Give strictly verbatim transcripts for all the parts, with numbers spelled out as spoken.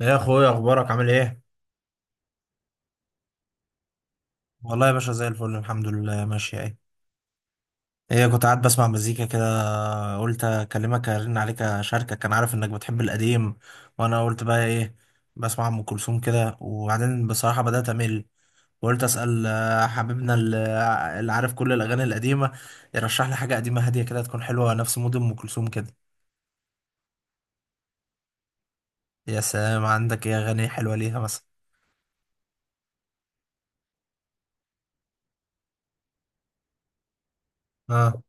يا اخويا اخبارك عامل ايه؟ والله يا باشا زي الفل الحمد لله ماشي اهي. ايه، كنت قاعد بسمع مزيكا كده، قلت اكلمك ارن عليك اشاركك، كان عارف انك بتحب القديم. وانا قلت بقى ايه؟ بسمع ام كلثوم كده وبعدين بصراحه بدات امل، وقلت اسال آه، حبيبنا ال- آه، اللي عارف كل الاغاني القديمه يرشح لي حاجه قديمه هاديه كده تكون حلوه نفس مود ام كلثوم كده. يا سلام، عندك ايه اغاني حلوه ليها مثلا؟ اه.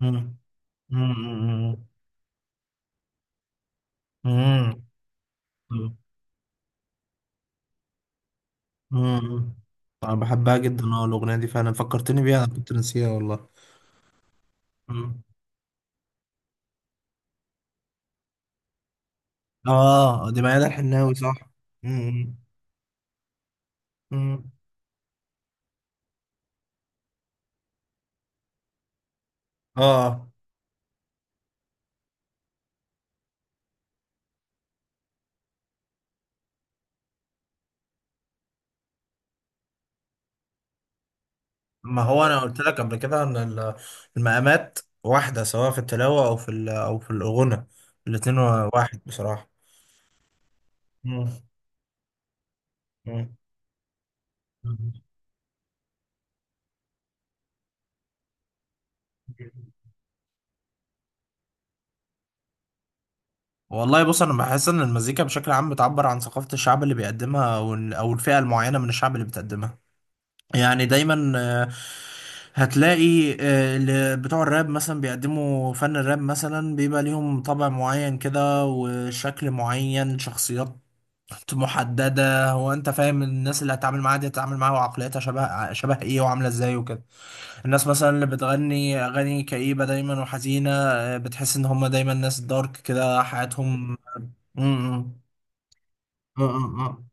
امم امم مم. انا بحبها جدا، اه، الاغنيه دي فعلا فكرتني بيها، انا كنت ناسيها والله. مم. اه دي ميادة الحناوي صح. مم. مم. اه، ما هو انا قلت لك قبل كده ان ال- المقامات واحده، سواء في التلاوه او في ال- او في الغنى، الاتنين واحد بصراحه. مم. مم. والله بص، انا بحس ان المزيكا بشكل عام بتعبر عن ثقافه الشعب اللي بيقدمها، او ال- او الفئه المعينه من الشعب اللي بتقدمها. يعني دايما آه، هتلاقي آه، اللي بتوع الراب مثلا بيقدموا فن الراب مثلا بيبقى ليهم طبع معين كده وشكل معين، شخصيات محددة. هو انت فاهم الناس اللي هتتعامل معاها دي هتتعامل معاها وعقليتها شبه شبه ايه وعاملة ازاي وكده. الناس مثلا اللي بتغني اغاني كئيبة دايما وحزينة، آه، بتحس ان هم دايما ناس دارك كده حياتهم. م- م. م- م- م.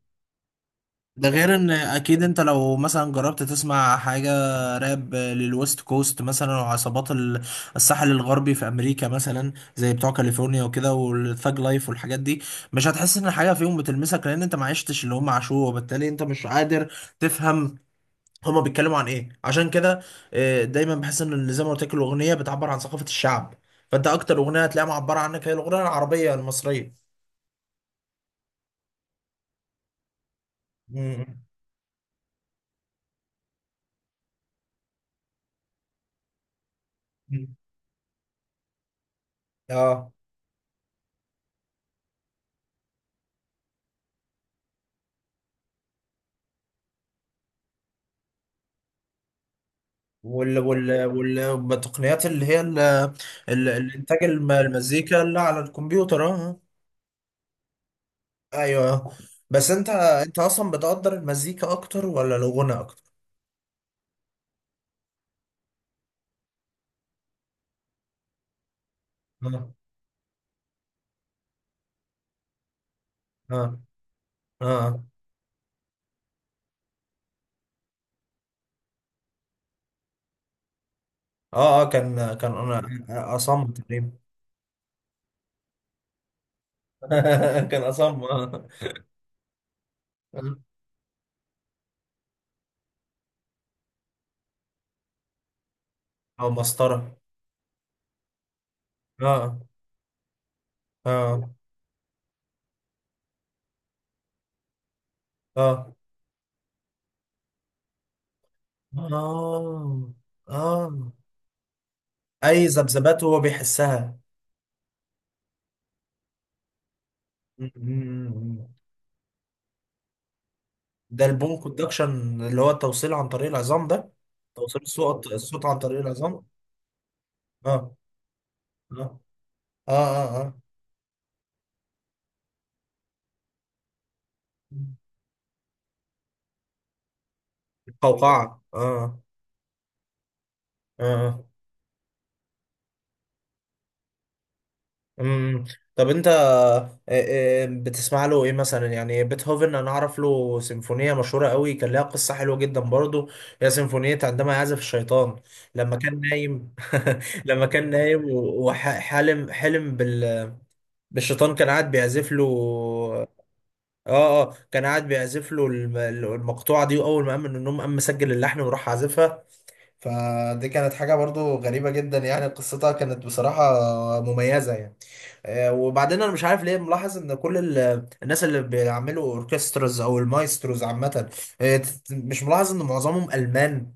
ده غير ان اكيد انت لو مثلا جربت تسمع حاجة راب للويست كوست مثلا، وعصابات ال- الساحل الغربي في امريكا مثلا، زي بتوع كاليفورنيا وكده والثاج لايف والحاجات دي، مش هتحس ان حاجة فيهم بتلمسك، لان انت ما عشتش اللي هم عاشوه وبالتالي انت مش قادر تفهم هما بيتكلموا عن ايه. عشان كده آه، دايما بحس ان اللي زي ما قلت لك الاغنية بتعبر عن ثقافة الشعب، فانت اكتر اغنية هتلاقيها معبرة عنك هي الاغنية العربية المصرية. م- م- م. اه، وال وال وال- والتقنيات اللي هي ال- ال- الانتاج، الم- المزيكا اللي على الكمبيوتر، اه آه. ايوه، بس انت انت اصلا بتقدر المزيكا اكتر ولا الغنى اكتر؟ اه اه اه. اه، آه كان كان انا آه، اصم تقريبا. كان اصم اه آه. او مسطره. اه اه اه اه اه. اي ذبذبات هو بيحسها. ده البون كوندكشن، اللي هو التوصيل عن طريق العظام ده، توصيل الصوت الصوت عن طريق العظام. اه اه اه اه اه. القوقعة، اه اه آه. امم. أمم. طب انت آه، آه، بتسمع له ايه مثلا يعني بيتهوفن؟ انا اعرف له سيمفونية مشهورة قوي كان لها قصة حلوة جدا برضه، هي سيمفونية عندما يعزف الشيطان، لما كان نايم. لما كان نايم وحلم، حلم بال بالشيطان كان قاعد بيعزف له. اه اه، كان قاعد بيعزف له الم- المقطوعه دي، واول ما قام من النوم قام مسجل اللحن وراح عازفها. فدي كانت حاجه برضو غريبه جدا يعني، قصتها كانت بصراحه مميزه يعني. آه، وبعدين انا مش عارف ليه ملاحظ ان كل ال- الناس اللي بيعملوا اوركستراز او المايستروز عامه آه، ت- مش ملاحظ ان معظمهم المان؟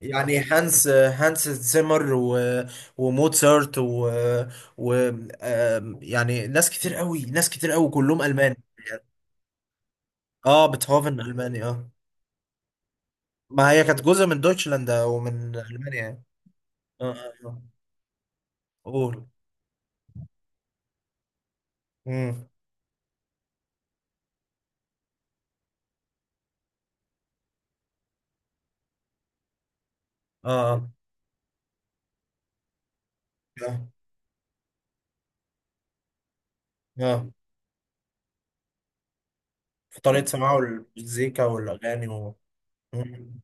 يعني هانس هانس زيمر و... وموتسارت و, و... آم، يعني ناس كتير قوي ناس كتير قوي كلهم المان. اه، بيتهوفن الماني اه. ما هي كانت جزء من دويتشلاند ومن المانيا يعني. اه اه آه. قول. امم. اه اه اه اه، في طريقه سماعه المزيكا والاغاني و... مم.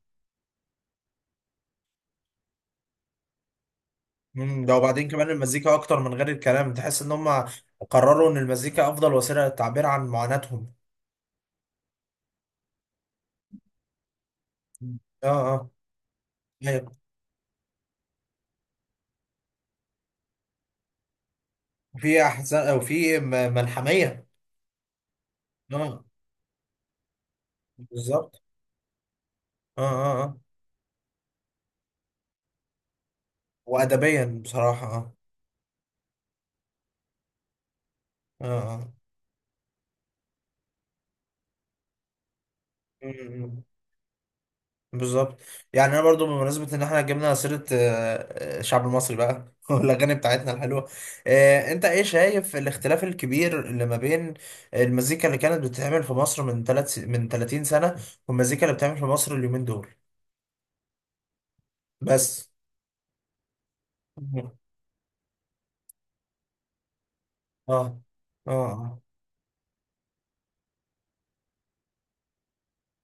مم. ده وبعدين كمان المزيكا اكتر من غير الكلام، تحس ان هم قرروا ان المزيكا افضل وسيله للتعبير عن معاناتهم. مم. اه اه. ايوه، وفي احزان او في م- ملحميه. اه، بالظبط. اه اه اه. وادبيا بصراحه اه. اه اه. مم. بالظبط. يعني انا برضو بمناسبه ان احنا جبنا سيره آه، آه، الشعب المصري بقى والاغاني بتاعتنا الحلوه، آه، انت ايه شايف الاختلاف الكبير اللي ما بين المزيكا اللي كانت بتتعمل في مصر من ثلاث من ثلاثين سنه والمزيكا اللي بتتعمل في مصر اليومين دول؟ بس. اه اه اه.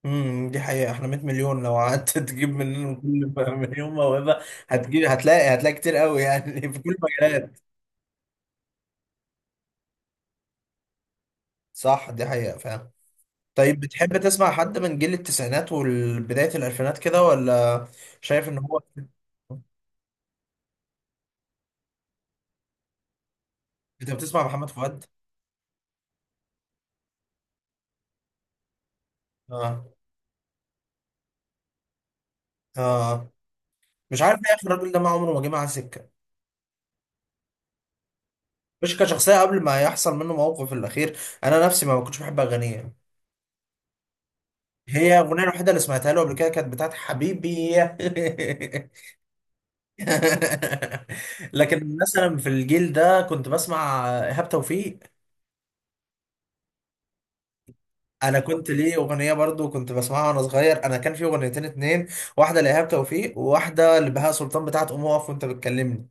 امم، دي حقيقه، احنا ميت مليون، لو قعدت تجيب مننا كل مليون موهبه هتجيب، هتلاقي هتلاقي كتير قوي يعني في كل المجالات. صح، دي حقيقه فعلا. طيب بتحب تسمع حد من جيل التسعينات وبداية الألفينات كده ولا شايف إن هو... أنت بتسمع محمد فؤاد؟ آه. آه، مش عارف ليه يا أخي، الراجل ده ما عمره ما جه معاه سكة. مش كشخصية، قبل ما يحصل منه موقف الأخير أنا نفسي ما ما كنتش بحب أغانيه يعني. هي الأغنية الوحيدة اللي سمعتها له قبل كده كانت بتاعت حبيبي. لكن مثلا في الجيل ده كنت بسمع إيهاب توفيق. انا كنت ليه اغنيه برضو كنت بسمعها وانا صغير، انا كان في اغنيتين اتنين، واحده لإيهاب توفيق وواحده لبهاء سلطان بتاعت قوم اقف وانت بتكلمني.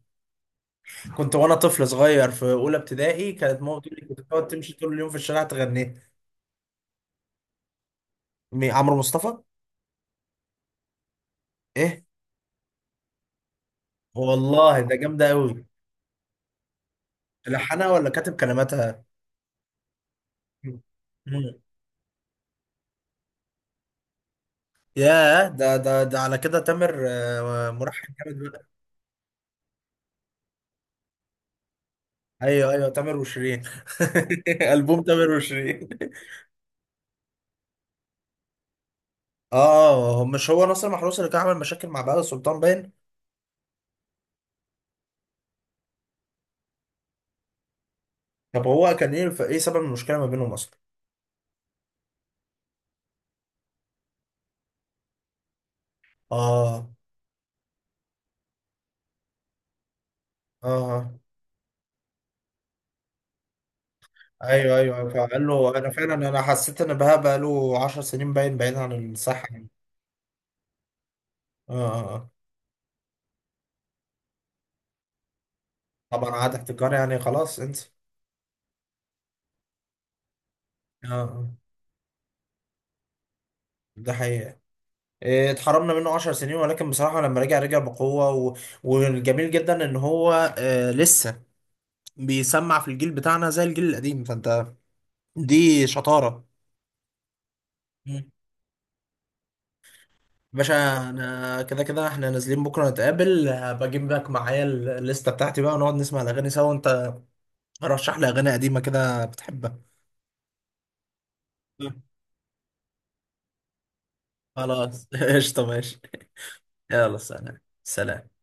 كنت وانا طفل صغير في اولى ابتدائي كانت ماما بتقول لي كنت بتقعد تمشي طول اليوم في الشارع تغني. مي- عمرو مصطفى. ايه؟ والله ده جامده قوي. ملحنها ولا كاتب كلماتها؟ مم. ياه، ده ده ده على كده تامر آه، مرحب جامد بقى. ايوه ايوه، تامر وشيرين. البوم تامر وشيرين. اه، هو مش هو ناصر محروس اللي كان عامل مشاكل مع بهاء سلطان باين؟ طب هو كان ايه، ايه سبب المشكله ما بينهم اصلا؟ اه اه آه. ايوه ايوه أيوة. فقال له انا فعلا انا حسيت ان بهاء بقى له عشر سنين باين بعيد عن الصحه يعني. اه آه، آه. طبعا عاد احتكار يعني خلاص انت... اه آه. ده حقيقه. إيه، اتحرمنا منه عشر سنين، ولكن بصراحه لما رجع رجع بقوه، و... والجميل جدا ان هو آه لسه بيسمع في الجيل بتاعنا زي الجيل القديم، فانت دي شطاره. باشا، انا كده كده احنا نازلين بكره نتقابل، بجيب لك معايا الليسته بتاعتي بقى ونقعد نسمع الاغاني سوا، وانت رشح لي اغاني قديمه كده بتحبها. خلاص قشطه ماشي. يلا سلام سلام.